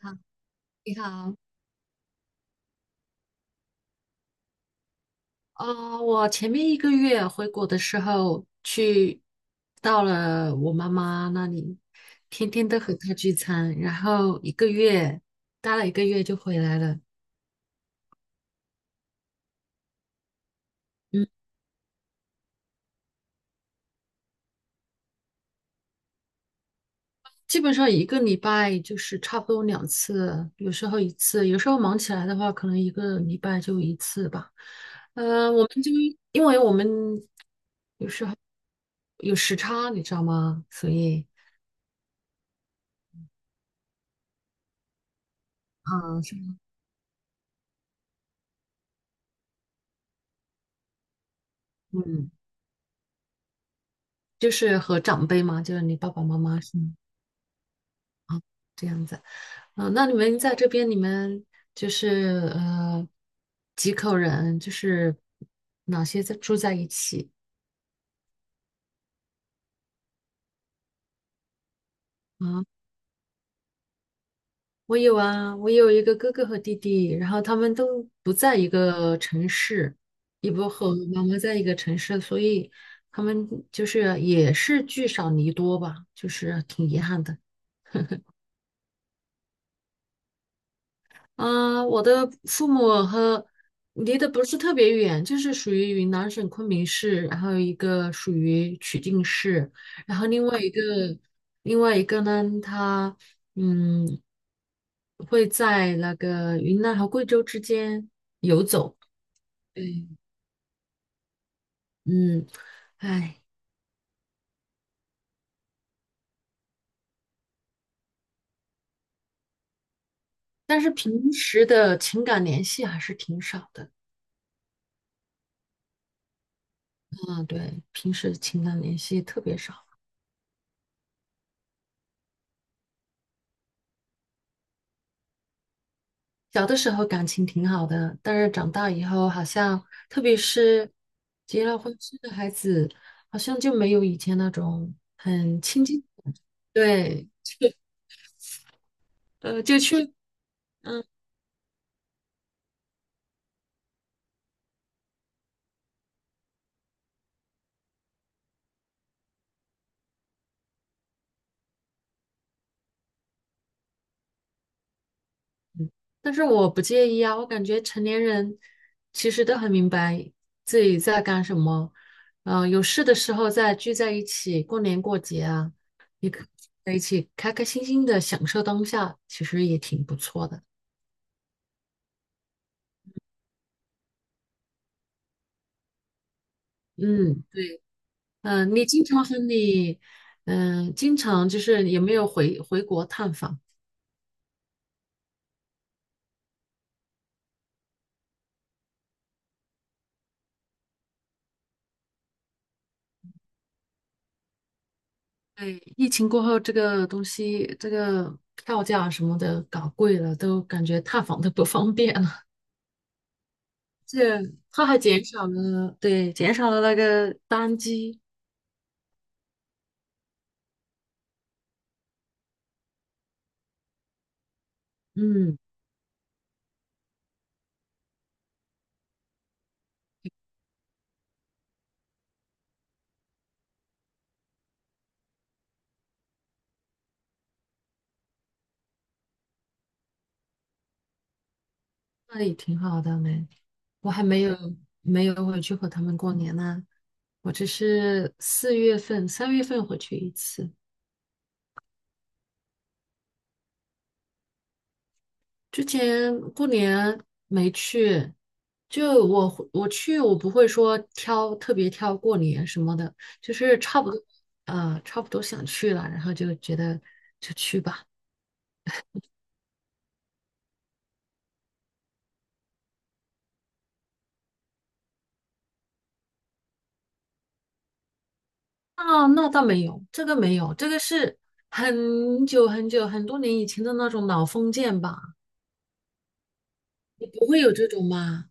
好，你好，我前面一个月回国的时候去到了我妈妈那里，天天都和她聚餐，然后一个月待了一个月就回来了。嗯，基本上一个礼拜就是差不多两次，有时候一次，有时候忙起来的话，可能一个礼拜就一次吧。我们就因为我们有时候有时差，你知道吗？所以，啊，是嗯。就是和长辈嘛，就是你爸爸妈妈是吗？这样子。嗯，那你们在这边，你们就是呃几口人，就是哪些在住在一起啊？我有啊，我有一个哥哥和弟弟，然后他们都不在一个城市，也不和妈妈在一个城市，所以他们就是也是聚少离多吧，就是挺遗憾的。啊，我的父母和离得不是特别远，就是属于云南省昆明市，然后一个属于曲靖市，然后另外一个呢，他嗯会在那个云南和贵州之间游走。对，嗯，哎，但是平时的情感联系还是挺少的。嗯，对，平时情感联系特别少。小的时候感情挺好的，但是长大以后好像，特别是结了婚生了孩子，好像就没有以前那种很亲近。对，呃，就去，嗯，但是我不介意啊，我感觉成年人其实都很明白自己在干什么，嗯，有事的时候再聚在一起，过年过节啊，也可以在一起开开心心的享受当下，其实也挺不错的。嗯，对。嗯，你经常和你，嗯，经常就是有没有回国探访？对，疫情过后，这个东西，这个票价什么的搞贵了，都感觉探访都不方便了。这他 还减少了，对，减少了那个单机，嗯，那也挺好的没。我还没有没有回去和他们过年呢，我只是四月份、三月份回去一次。之前过年没去，就我会我去，我不会说挑特别挑过年什么的，就是差不多，差不多想去了，然后就觉得就去吧。啊，那倒没有，这个没有，这个是很久很久很多年以前的那种老封建吧，你不会有这种吗？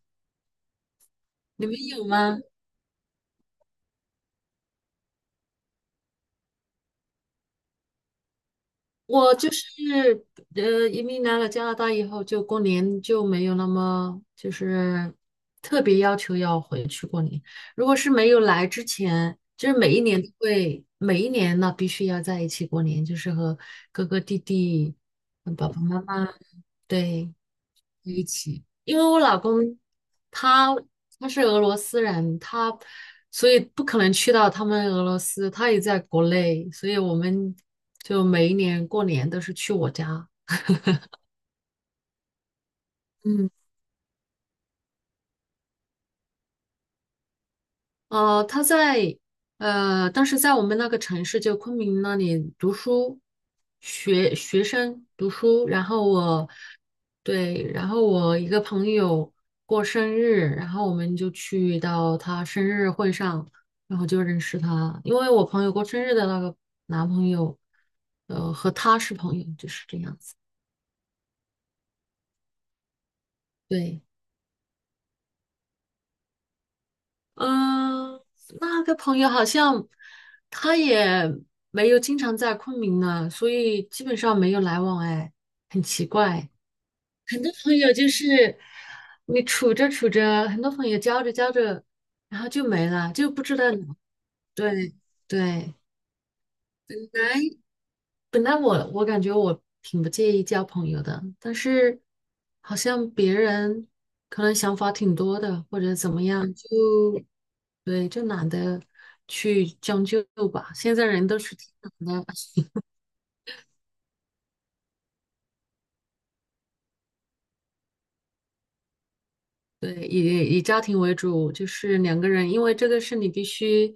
你们有吗？我就是移民来了加拿大以后，就过年就没有那么就是特别要求要回去过年。如果是没有来之前，就是每一年都会，每一年呢必须要在一起过年，就是和哥哥弟弟、嗯爸爸妈妈，对。一起，因为我老公他他是俄罗斯人，他所以不可能去到他们俄罗斯，他也在国内，所以我们就每一年过年都是去我家。嗯。呃，他在当时在我们那个城市，就昆明那里读书，学生读书。然后我，对，然后我一个朋友过生日，然后我们就去到他生日会上，然后就认识他。因为我朋友过生日的那个男朋友，和他是朋友，就是这样子。对，嗯，那个朋友好像他也没有经常在昆明呢，所以基本上没有来往，哎，很奇怪。很多朋友就是你处着处着，很多朋友交着交着，然后就没了，就不知道哪对对本来本来我感觉我挺不介意交朋友的，但是好像别人可能想法挺多的，或者怎么样，就对，就懒得去将就吧。现在人都是挺懒的，对，以家庭为主，就是两个人，因为这个是你必须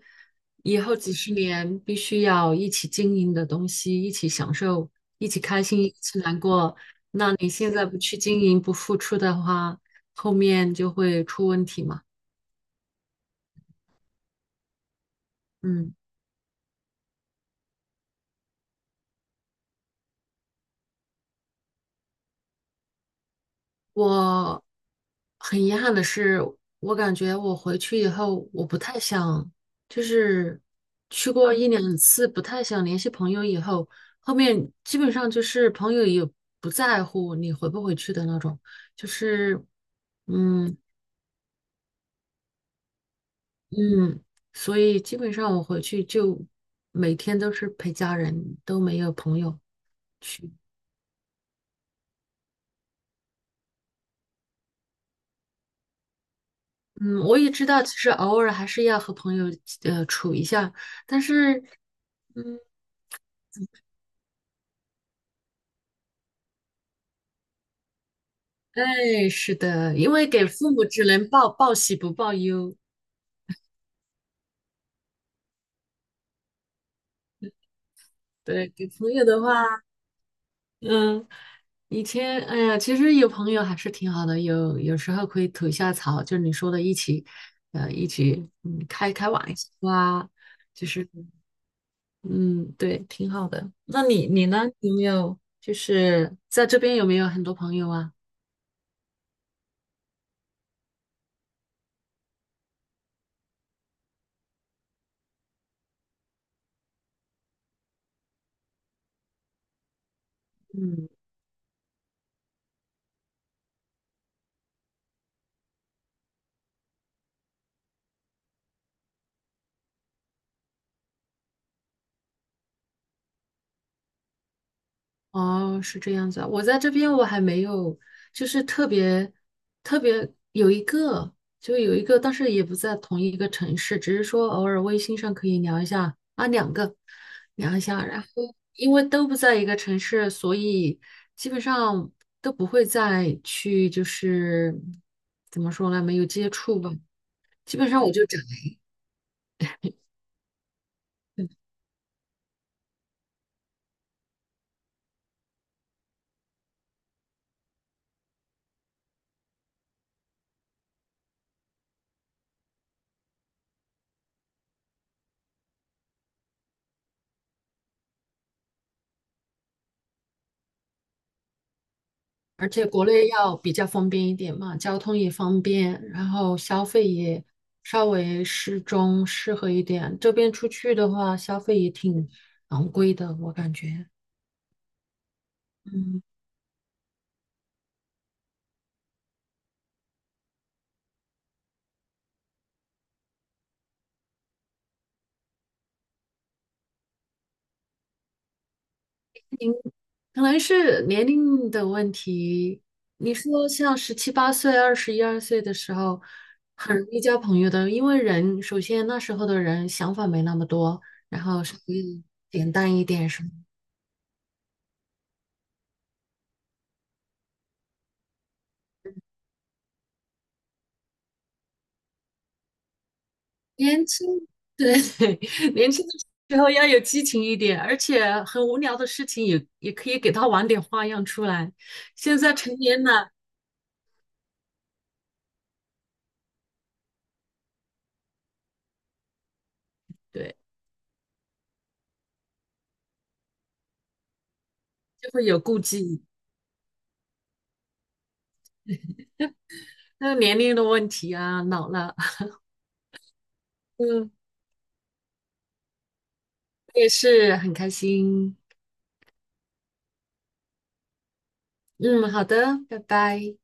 以后几十年必须要一起经营的东西，一起享受，一起开心，一起难过。那你现在不去经营，不付出的话，后面就会出问题嘛。嗯。我很遗憾的是，我感觉我回去以后，我不太想，就是去过一两次，不太想联系朋友以后，后面基本上就是朋友也不在乎你回不回去的那种，就是，嗯嗯，所以基本上我回去就每天都是陪家人，都没有朋友去。嗯，我也知道，其实偶尔还是要和朋友处一下，但是。嗯。哎，是的，因为给父母只能报报喜不报忧，对，给朋友的话，嗯，以前，哎呀，其实有朋友还是挺好的，有时候可以吐一下槽，就是你说的，一起，嗯，开开玩笑啊，就是，嗯，对，挺好的。那你你呢？有没有就是在这边有没有很多朋友啊？嗯。哦，是这样子啊。我在这边我还没有，就是特别特别有一个，有一个，但是也不在同一个城市，只是说偶尔微信上可以聊一下啊，两个聊一下。然后因为都不在一个城市，所以基本上都不会再去，就是怎么说呢，没有接触吧。基本上我就只国内要比较方便一点嘛，交通也方便，然后消费也稍微适中，适合一点。这边出去的话，消费也挺昂贵的，我感觉。嗯，您可能是年龄的问题。你说像17、8岁、21、2岁的时候，很容易交朋友的，因为人首先那时候的人想法没那么多，然后稍微简单一点什么。年轻，对，年轻的时候要有激情一点，而且很无聊的事情也也可以给他玩点花样出来。现在成年了，对，就会有顾忌，那年龄的问题啊，老了，嗯，我也是很开心。嗯，好的，拜拜。